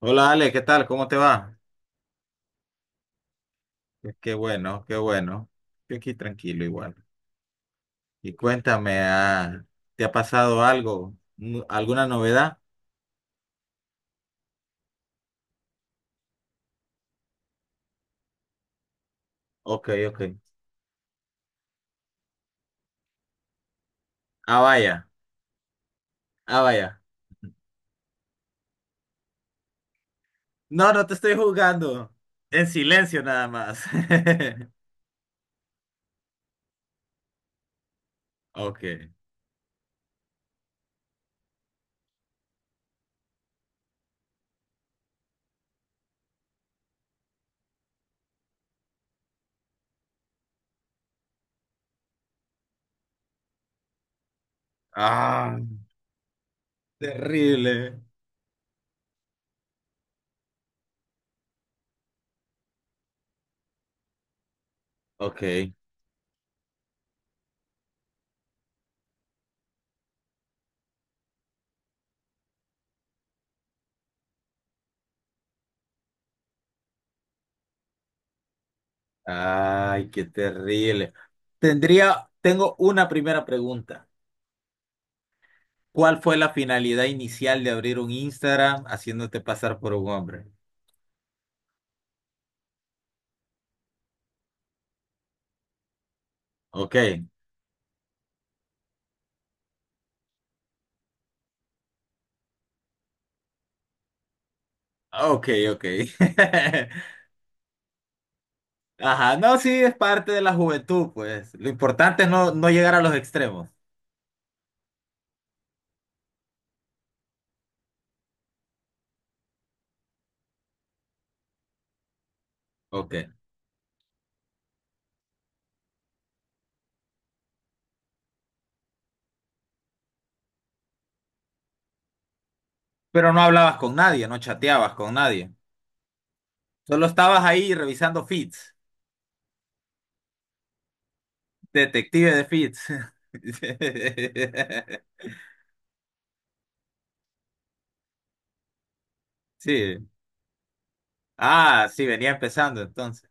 Hola Ale, ¿qué tal? ¿Cómo te va? Qué bueno, qué bueno. Yo aquí tranquilo igual. Y cuéntame, ¿te ha pasado algo? ¿Alguna novedad? Ok, ok. Ah, vaya, ah, vaya. No, no te estoy jugando. En silencio nada más. Ok. Ah, terrible. Ok. Ay, qué terrible. Tengo una primera pregunta. ¿Cuál fue la finalidad inicial de abrir un Instagram haciéndote pasar por un hombre? Ok, ok, ok. Ajá, no, sí, es parte de la juventud, pues. Lo importante es no, no llegar a los extremos. Ok. Pero no hablabas con nadie, no chateabas con nadie. Solo estabas ahí revisando feeds. Detective de feeds. Sí. Ah, sí, venía empezando entonces.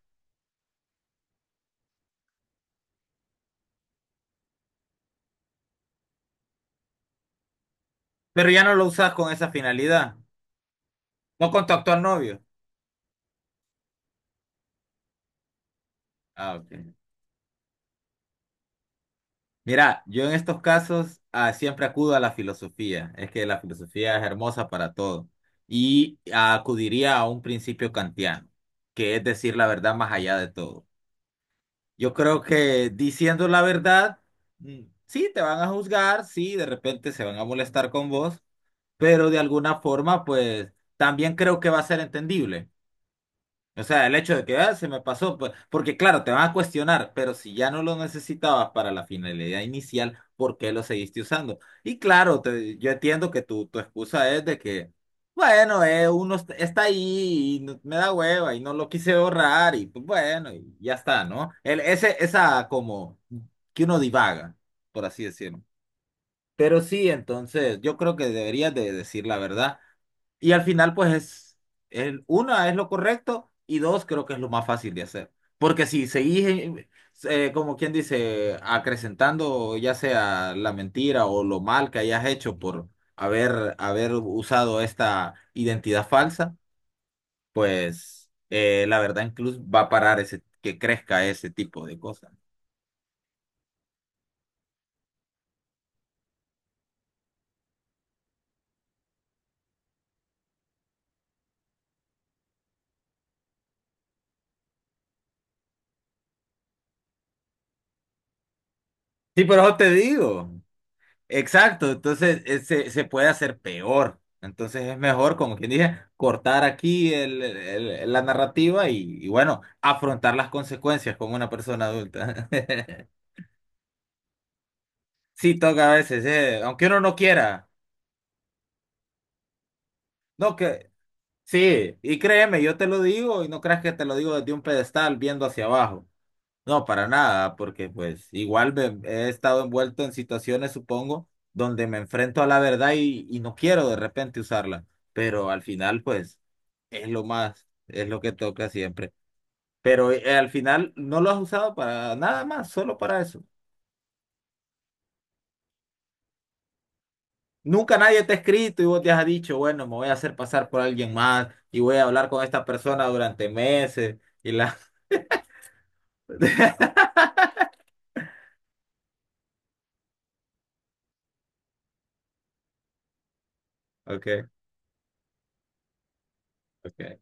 Pero ya no lo usas con esa finalidad. No con tu actual novio. Ah, ok. Mira, yo en estos casos siempre acudo a la filosofía. Es que la filosofía es hermosa para todo. Y acudiría a un principio kantiano, que es decir la verdad más allá de todo. Yo creo que diciendo la verdad, mm, sí, te van a juzgar, sí, de repente se van a molestar con vos, pero de alguna forma, pues también creo que va a ser entendible. O sea, el hecho de que "Ah, se me pasó, pues, porque claro, te van a cuestionar, pero si ya no lo necesitabas para la finalidad inicial, ¿por qué lo seguiste usando? Y claro, yo entiendo que tu excusa es de que, bueno, uno está ahí y me da hueva y no lo quise borrar y pues bueno, y ya está, ¿no? Esa como que uno divaga, por así decirlo. Pero sí, entonces, yo creo que deberías de decir la verdad. Y al final, pues es, el, una es lo correcto y dos creo que es lo más fácil de hacer. Porque si seguís, como quien dice, acrecentando ya sea la mentira o lo mal que hayas hecho por haber usado esta identidad falsa, pues la verdad incluso va a parar ese, que crezca ese tipo de cosas. Sí, pero eso te digo. Exacto, entonces se puede hacer peor. Entonces es mejor, como quien dije, cortar aquí la narrativa y bueno, afrontar las consecuencias como una persona adulta. Sí, toca a veces, aunque uno no quiera. No, que sí, y créeme, yo te lo digo y no creas que te lo digo desde un pedestal viendo hacia abajo. No, para nada, porque pues igual he estado envuelto en situaciones, supongo, donde me enfrento a la verdad y no quiero de repente usarla, pero al final pues es lo más, es lo que toca siempre. Pero al final no lo has usado para nada más, solo para eso. Nunca nadie te ha escrito y vos te has dicho, bueno, me voy a hacer pasar por alguien más y voy a hablar con esta persona durante meses y la... Ok, ok.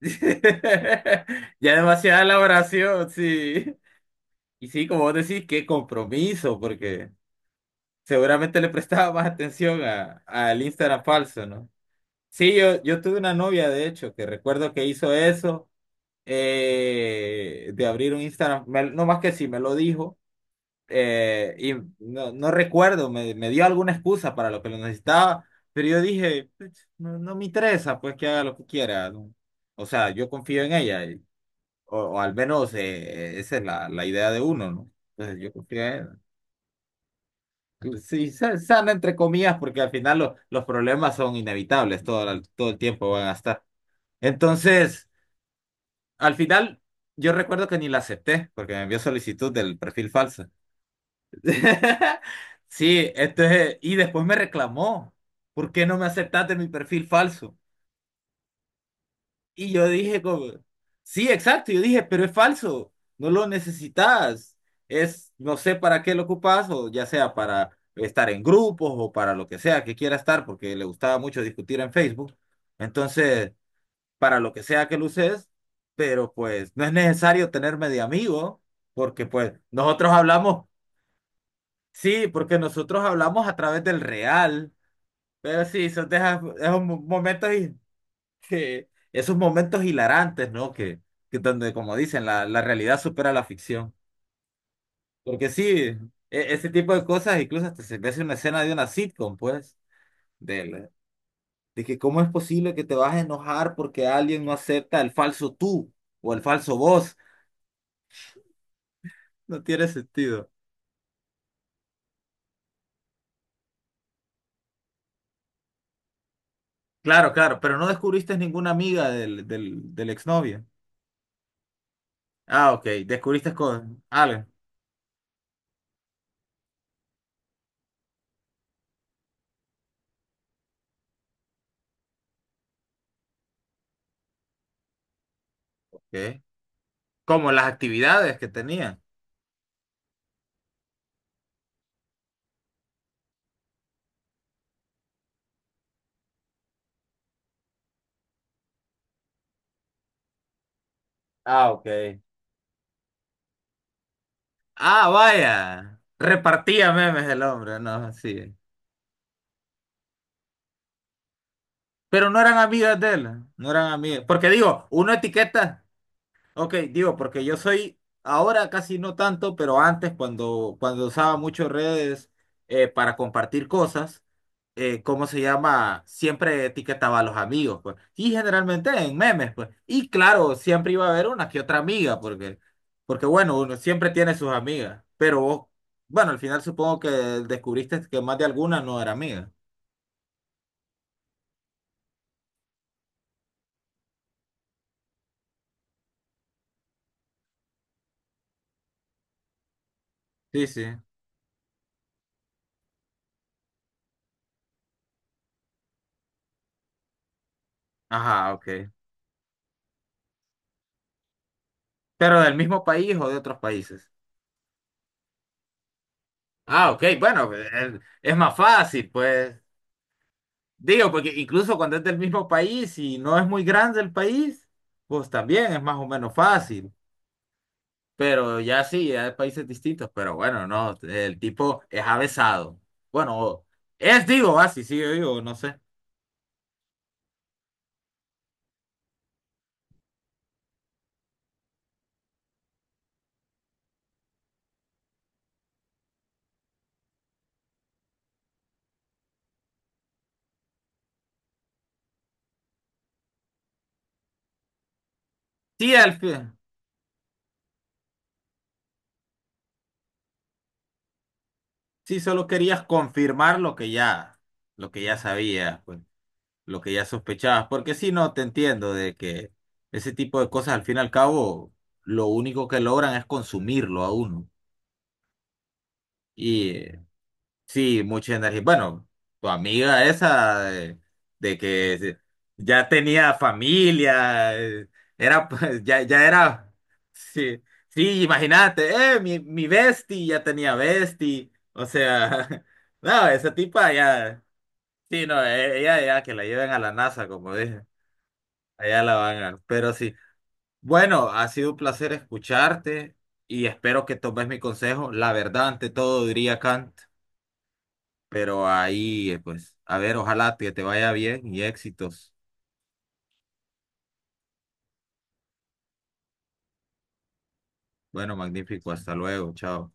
Ya demasiada elaboración, sí. Y sí, como vos decís, qué compromiso, porque seguramente le prestaba más atención a, al Instagram falso, ¿no? Sí, yo tuve una novia, de hecho, que recuerdo que hizo eso, de abrir un Instagram, no más que sí, me lo dijo, y no, no recuerdo, me dio alguna excusa para lo que lo necesitaba, pero yo dije, "Pues, no, no me interesa, pues que haga lo que quiera, ¿no? O sea, yo confío en ella, o al menos esa es la idea de uno, ¿no? Entonces yo confío en sí, sana entre comillas, porque al final los problemas son inevitables, todo, todo el tiempo van a estar. Entonces, al final, yo recuerdo que ni la acepté, porque me envió solicitud del perfil falso. Sí, entonces, y después me reclamó, ¿por qué no me aceptaste mi perfil falso? Y yo dije como, sí, exacto, yo dije, pero es falso, no lo necesitas, es, no sé para qué lo ocupas, o ya sea para estar en grupos o para lo que sea que quiera estar, porque le gustaba mucho discutir en Facebook, entonces, para lo que sea que lo uses, pero pues no es necesario tenerme de amigo, porque pues nosotros hablamos, sí, porque nosotros hablamos a través del real, pero sí, son de esos momentos que esos momentos hilarantes, ¿no? Que donde, como dicen, la realidad supera la ficción. Porque sí, e- ese tipo de cosas, incluso hasta se ve una escena de una sitcom, pues, de, de que cómo es posible que te vas a enojar porque alguien no acepta el falso tú o el falso vos. No tiene sentido. Claro, claro, pero no descubriste ninguna amiga del exnovio. Ah, ok, descubriste con alguien. Ok. Como las actividades que tenía. Ah, ok. Ah, vaya. Repartía memes el hombre, no, sí. Pero no eran amigas de él, no eran amigas. Porque digo, uno etiqueta. Ok, digo, porque yo soy, ahora casi no tanto, pero antes cuando usaba mucho redes para compartir cosas, ¿cómo se llama? Siempre etiquetaba a los amigos, pues. Y generalmente en memes, pues. Y claro, siempre iba a haber una que otra amiga, porque, porque bueno, uno siempre tiene sus amigas, pero vos, bueno, al final supongo que descubriste que más de alguna no era amiga. Sí, sí. Ajá, ok. Pero del mismo país o de otros países. Ah, ok, bueno, es más fácil, pues. Digo, porque incluso cuando es del mismo país y no es muy grande el país, pues también es más o menos fácil. Pero ya sí, hay países distintos, pero bueno, no, el tipo es avesado. Bueno, es, digo, así, sí, yo digo, no sé. Sí, al fin, sí, solo querías confirmar lo que ya sabías, pues. Lo que ya sospechabas, porque si no, te entiendo de que ese tipo de cosas al fin y al cabo lo único que logran es consumirlo a uno. Y sí, mucha energía. Bueno, tu amiga esa de que ya tenía familia, era pues, ya, ya era, sí, sí, imagínate, mi bestie ya tenía bestie, o sea, no, esa tipa ya, sí, no, ella ya que la lleven a la NASA, como dije. Allá la van a ganar. Pero sí. Bueno, ha sido un placer escucharte y espero que tomes mi consejo. La verdad, ante todo, diría Kant, pero ahí, pues, a ver, ojalá que te vaya bien y éxitos. Bueno, magnífico. Hasta luego. Chao.